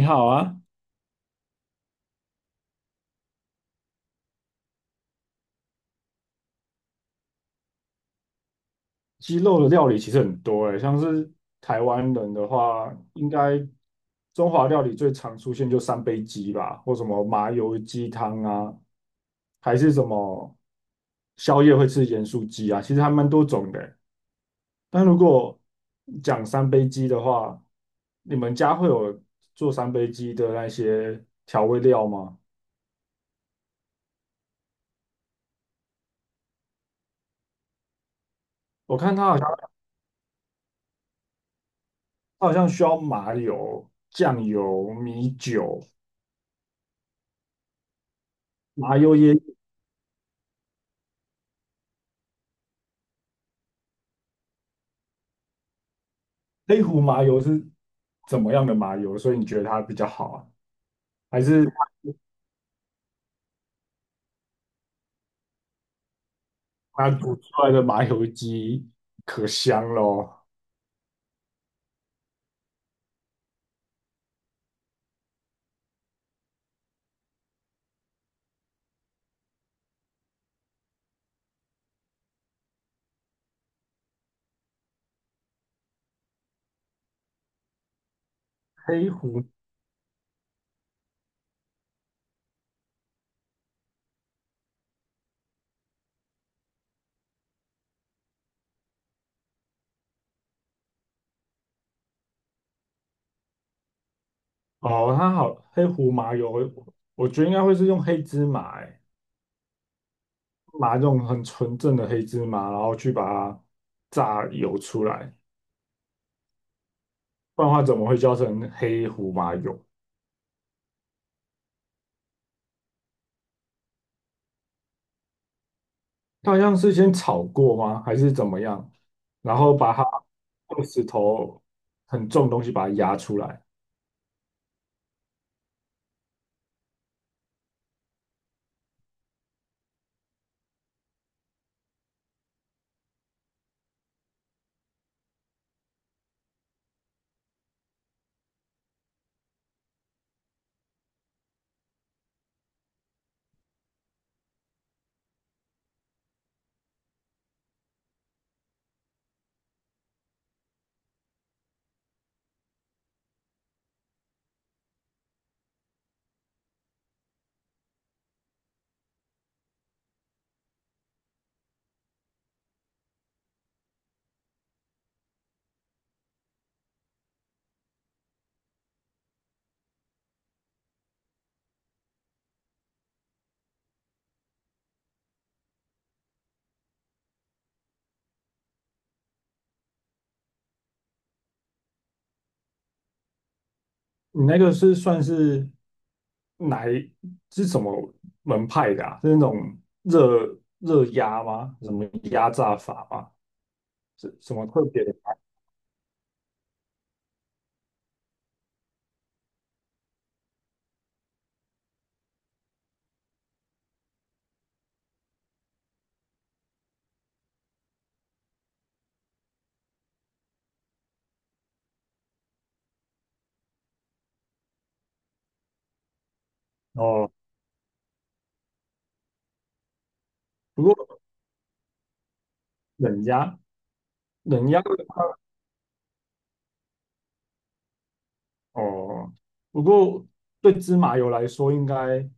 你好啊，鸡肉的料理其实很多诶，像是台湾人的话，应该中华料理最常出现就三杯鸡吧，或什么麻油鸡汤啊，还是什么宵夜会吃盐酥鸡啊，其实还蛮多种的诶。但如果讲三杯鸡的话，你们家会有做三杯鸡的那些调味料吗？我看它好像需要麻油、酱油、米酒。麻油椰黑胡麻油是怎么样的麻油？所以你觉得它比较好啊？还是它煮出来的麻油鸡可香喽？黑胡哦，它好，黑胡麻油，我觉得应该会是用黑芝麻、欸，这种很纯正的黑芝麻，然后去把它榨油出来，不然的话怎么会叫成黑胡麻油？它好像是先炒过吗？还是怎么样？然后把它用石头很重的东西把它压出来。你那个是算是哪一是什么门派的啊？是那种热压吗？什么压榨法吗？是什么特别的？哦，不过冷压冷压。哦，不过对芝麻油来说，应该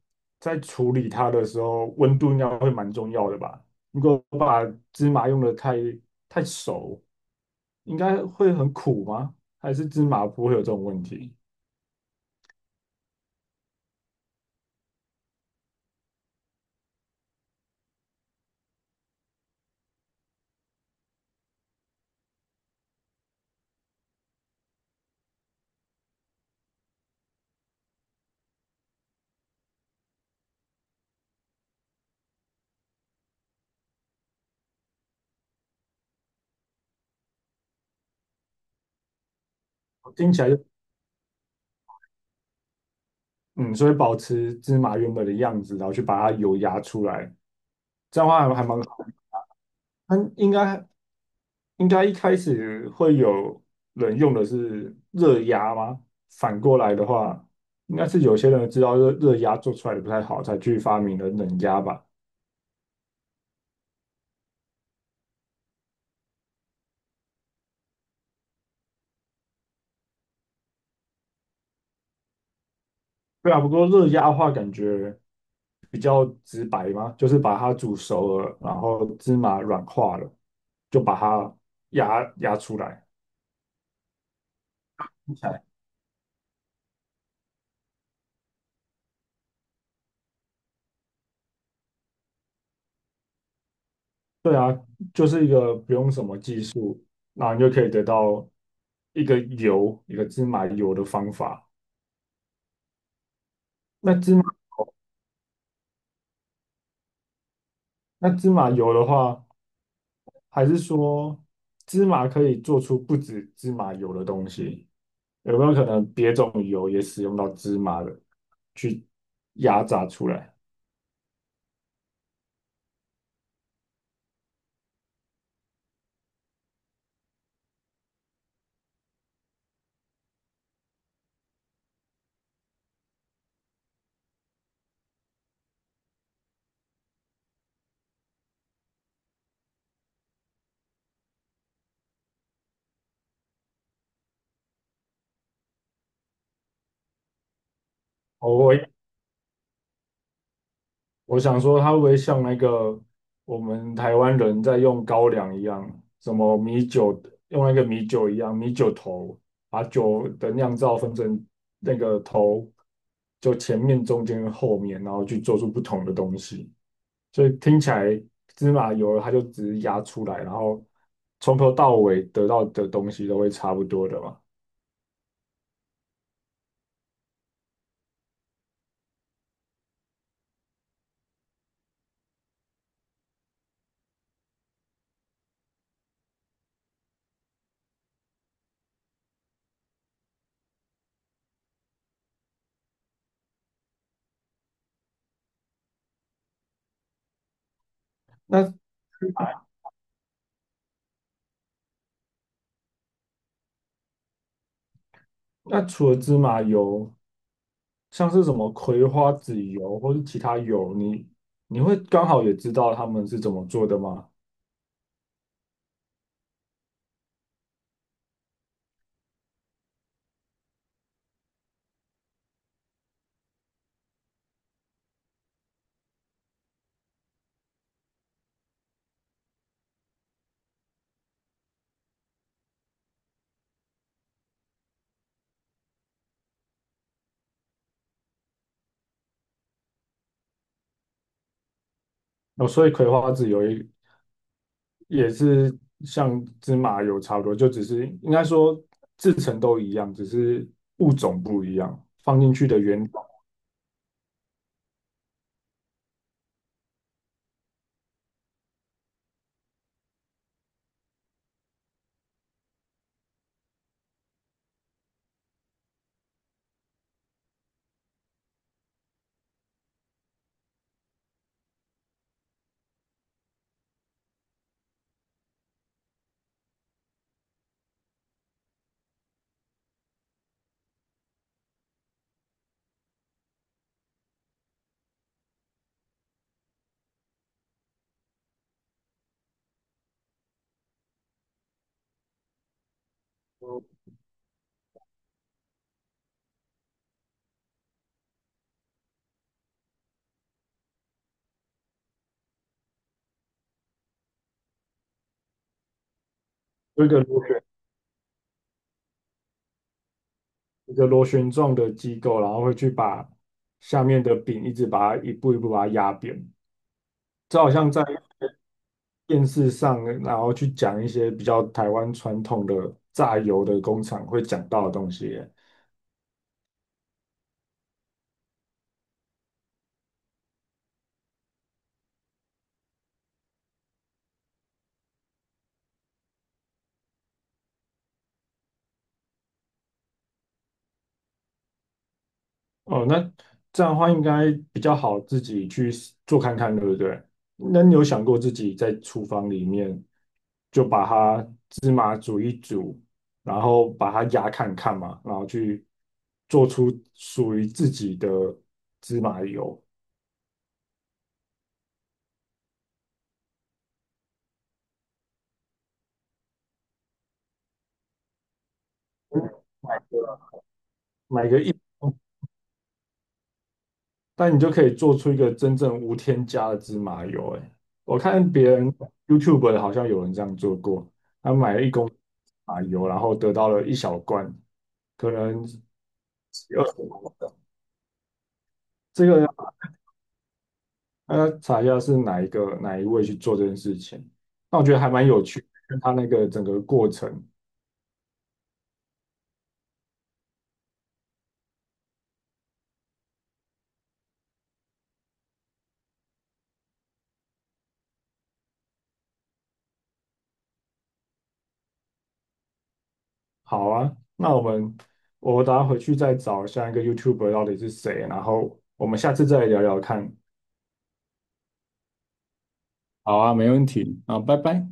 在处理它的时候，温度应该会蛮重要的吧？如果把芝麻用的太熟，应该会很苦吗？还是芝麻不会有这种问题？听起来。就。嗯，所以保持芝麻原本的样子，然后去把它油压出来，这样的话还蛮好。它应该一开始会有人用的是热压吗？反过来的话，应该是有些人知道热压做出来的不太好，才去发明了冷压吧？对啊，不过热压的话，感觉比较直白嘛，就是把它煮熟了，然后芝麻软化了，就把它压出来。就是一个不用什么技术，那你就可以得到一个油，一个芝麻油的方法。那芝麻那芝麻油的话，还是说芝麻可以做出不止芝麻油的东西？有没有可能别种油也使用到芝麻的去压榨出来？哦，我想说，它会不会像那个我们台湾人在用高粱一样，什么米酒，用那个米酒一样，米酒头，把酒的酿造分成那个头，就前面、中间、后面，然后去做出不同的东西。所以听起来芝麻油它就只是压出来，然后从头到尾得到的东西都会差不多的嘛。那那除了芝麻油，像是什么葵花籽油或是其他油，你会刚好也知道他们是怎么做的吗？哦，所以葵花籽油也是像芝麻油差不多，就只是应该说制成都一样，只是物种不一样，放进去的原料。有一个螺旋状的机构，然后会去把下面的饼一直把它一步一步把它压扁，这好像在电视上，然后去讲一些比较台湾传统的榨油的工厂会讲到的东西耶。哦，那这样的话应该比较好自己去做看看，对不对？那你有想过自己在厨房里面就把它，然后把它压看看嘛，然后去做出属于自己的芝麻油，买个买个但你就可以做出一个真正无添加的芝麻油。哎，我看别人 YouTube 的好像有人这样做过，他买了1公斤芝麻油，然后得到了一小罐，可能20。这个查一下是哪一位去做这件事情。那我觉得还蛮有趣，跟他那个整个过程。好啊，那我等下回去再找下一个 YouTube 到底是谁，然后我们下次再聊聊看。好啊，没问题。啊，拜拜。